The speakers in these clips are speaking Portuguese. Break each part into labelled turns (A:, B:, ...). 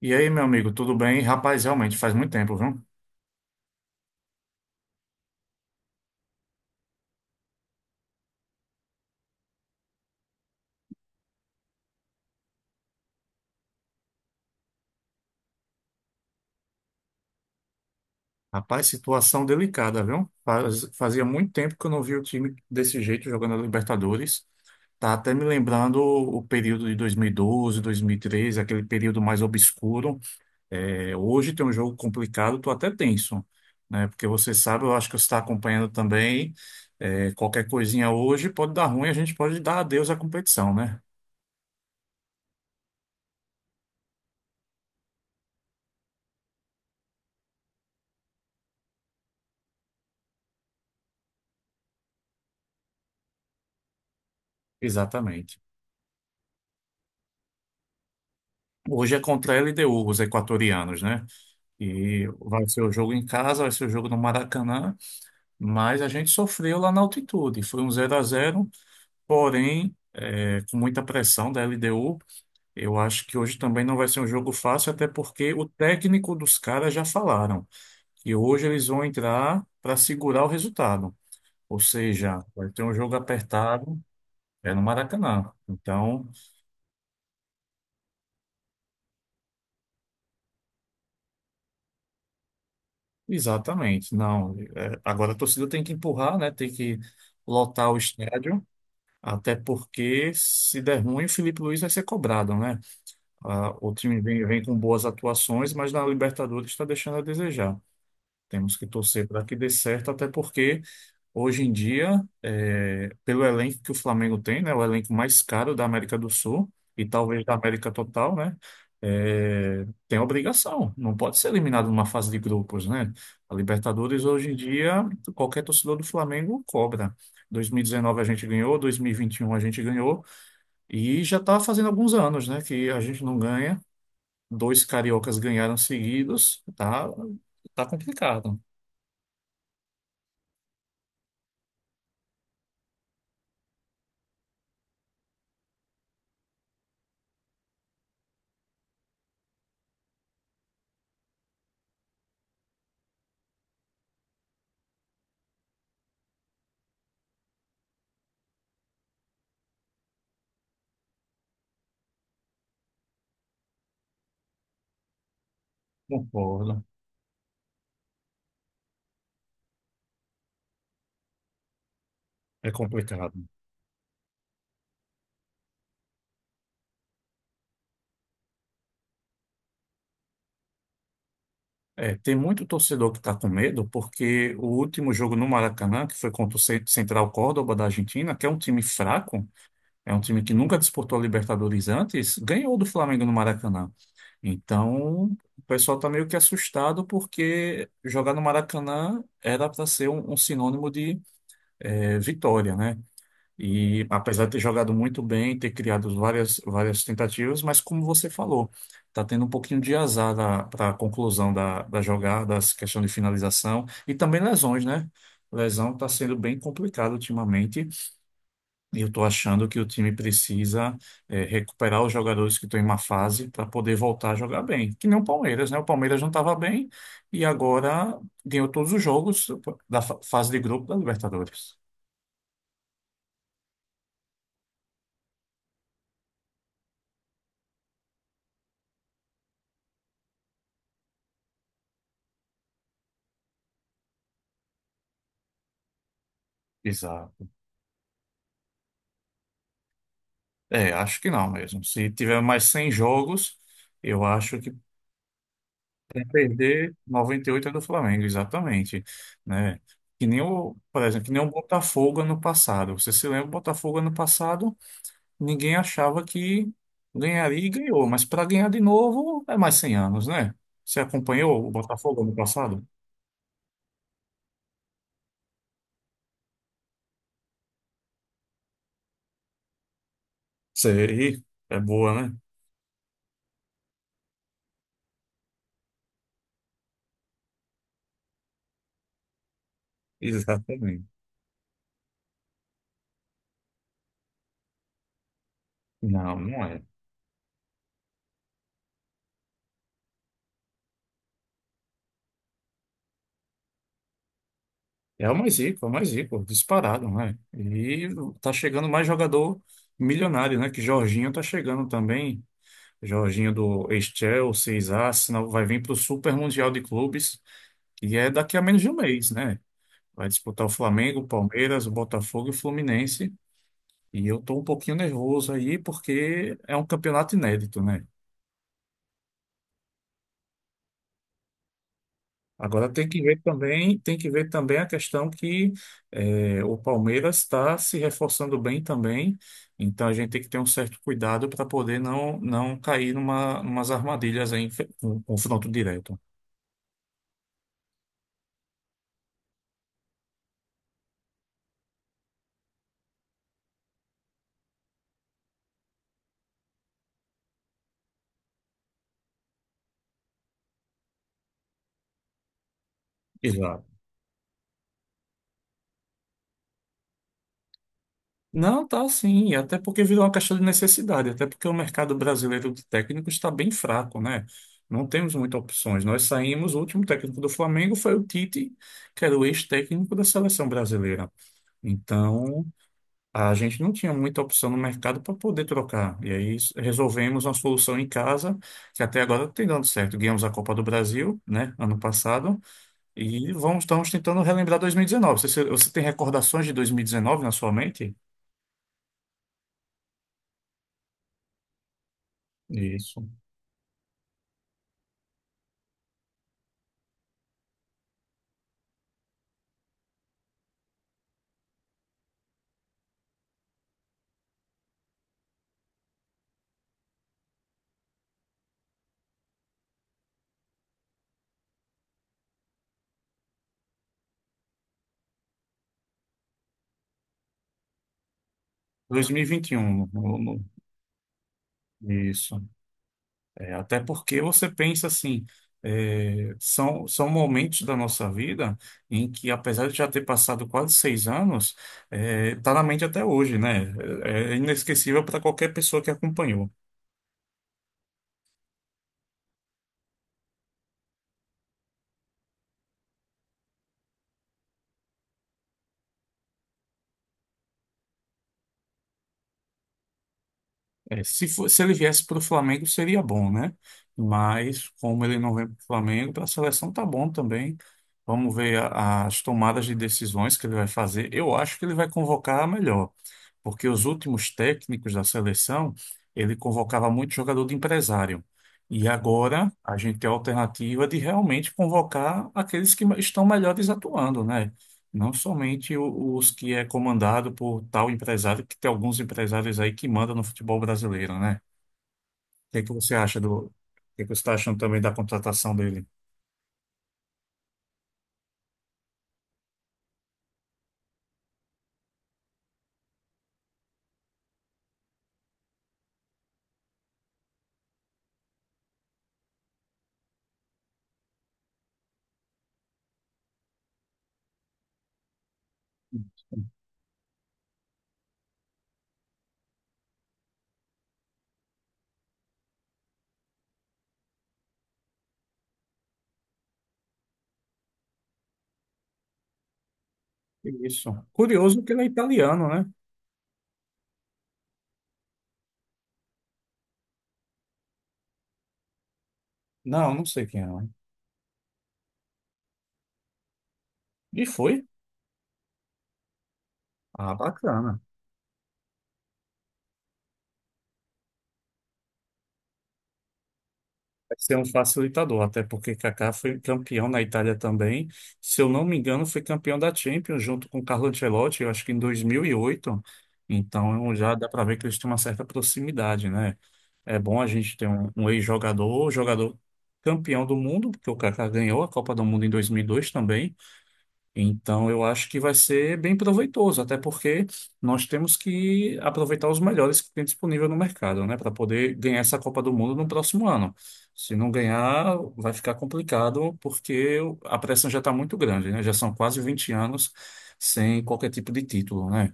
A: E aí, meu amigo, tudo bem? Rapaz, realmente faz muito tempo, viu? Rapaz, situação delicada, viu? Fazia muito tempo que eu não vi o time desse jeito jogando a Libertadores. Tá até me lembrando o período de 2012, 2013, aquele período mais obscuro. Hoje tem um jogo complicado, tô até tenso, né? Porque você sabe, eu acho que você está acompanhando também. Qualquer coisinha hoje pode dar ruim, a gente pode dar adeus à competição, né? Exatamente. Hoje é contra a LDU, os equatorianos, né? E vai ser o jogo em casa, vai ser o jogo no Maracanã, mas a gente sofreu lá na altitude. Foi um zero a zero, porém, com muita pressão da LDU. Eu acho que hoje também não vai ser um jogo fácil, até porque o técnico dos caras já falaram que hoje eles vão entrar para segurar o resultado. Ou seja, vai ter um jogo apertado, é no Maracanã. Então, exatamente, não. Agora a torcida tem que empurrar, né? Tem que lotar o estádio. Até porque, se der ruim, o Felipe Luiz vai ser cobrado, né? Ah, o time vem com boas atuações, mas na Libertadores está deixando a desejar. Temos que torcer para que dê certo, até porque hoje em dia, pelo elenco que o Flamengo tem, né, o elenco mais caro da América do Sul e talvez da América total, né, tem obrigação, não pode ser eliminado numa fase de grupos, né? A Libertadores hoje em dia, qualquer torcedor do Flamengo cobra. 2019 a gente ganhou, 2021 a gente ganhou e já está fazendo alguns anos, né, que a gente não ganha. Dois cariocas ganharam seguidos, tá, tá complicado. Concordo. É complicado. É, tem muito torcedor que está com medo, porque o último jogo no Maracanã, que foi contra o Central Córdoba da Argentina, que é um time fraco, é um time que nunca disputou a Libertadores antes, ganhou do Flamengo no Maracanã. Então, o pessoal está meio que assustado, porque jogar no Maracanã era para ser um sinônimo de vitória, né? E apesar de ter jogado muito bem, ter criado várias tentativas, mas como você falou, está tendo um pouquinho de azar para a conclusão da jogada, as questão de finalização e também lesões, né? Lesão está sendo bem complicado ultimamente e eu estou achando que o time precisa recuperar os jogadores que estão em má fase para poder voltar a jogar bem. Que nem o Palmeiras, né? O Palmeiras não estava bem e agora ganhou todos os jogos da fase de grupo da Libertadores. Exato. É, acho que não mesmo. Se tiver mais 100 jogos, eu acho que para perder 98 é do Flamengo, exatamente, né? Que nem o Botafogo ano passado. Você se lembra, o Botafogo ano passado, ninguém achava que ganharia e ganhou, mas para ganhar de novo é mais 100 anos, né? Você acompanhou o Botafogo ano passado? Sei, é boa, né? Exatamente. Não, não é. É o mais rico, é o mais rico, disparado, né? E tá chegando mais jogador milionário, né? Que Jorginho tá chegando também. Jorginho do ex-Chelsea, ex-Arsenal, vai vir para o Super Mundial de Clubes, que é daqui a menos de um mês, né? Vai disputar o Flamengo, o Palmeiras, o Botafogo e o Fluminense. E eu tô um pouquinho nervoso aí, porque é um campeonato inédito, né? Agora tem que ver também, tem que ver também a questão que o Palmeiras está se reforçando bem também, então a gente tem que ter um certo cuidado para poder não cair numas armadilhas aí, em com confronto direto. Exato. Não, tá sim, até porque virou uma questão de necessidade, até porque o mercado brasileiro de técnicos está bem fraco, né? Não temos muitas opções. Nós saímos, o último técnico do Flamengo foi o Tite, que era o ex-técnico da seleção brasileira. Então, a gente não tinha muita opção no mercado para poder trocar. E aí resolvemos uma solução em casa, que até agora tem dando certo. Ganhamos a Copa do Brasil, né, ano passado, e estamos tentando relembrar 2019. Você tem recordações de 2019 na sua mente? Isso. 2021. Isso. Até porque você pensa assim, são momentos da nossa vida em que, apesar de já ter passado quase 6 anos, tá na mente até hoje, né? É inesquecível para qualquer pessoa que acompanhou. É, se ele viesse para o Flamengo, seria bom, né? Mas como ele não vem para o Flamengo, para a seleção tá bom também. As tomadas de decisões que ele vai fazer. Eu acho que ele vai convocar a melhor, porque os últimos técnicos da seleção, ele convocava muito jogador de empresário. E agora a gente tem a alternativa de realmente convocar aqueles que estão melhores atuando, né? Não somente o- os que é comandado por tal empresário, que tem alguns empresários aí que mandam no futebol brasileiro, né? O que é que você está achando também da contratação dele? Isso. Curioso que ele é italiano, né? Não, não sei quem é, né? E foi? Ah, bacana. Vai ser um facilitador, até porque Kaká foi campeão na Itália também. Se eu não me engano, foi campeão da Champions junto com Carlo Ancelotti, eu acho que em 2008. Então já dá para ver que eles têm uma certa proximidade, né? É bom a gente ter um ex-jogador, jogador campeão do mundo, porque o Kaká ganhou a Copa do Mundo em 2002 também. Então, eu acho que vai ser bem proveitoso, até porque nós temos que aproveitar os melhores que tem disponível no mercado, né, para poder ganhar essa Copa do Mundo no próximo ano. Se não ganhar, vai ficar complicado, porque a pressão já está muito grande, né? Já são quase 20 anos sem qualquer tipo de título, né?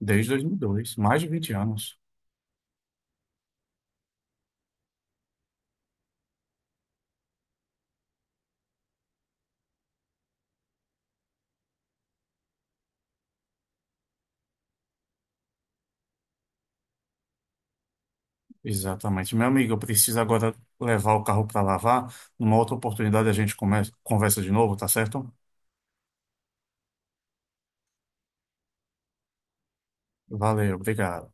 A: Desde 2002, mais de 20 anos. Exatamente. Meu amigo, eu preciso agora levar o carro para lavar. Numa outra oportunidade a gente conversa de novo, tá certo? Valeu, obrigado.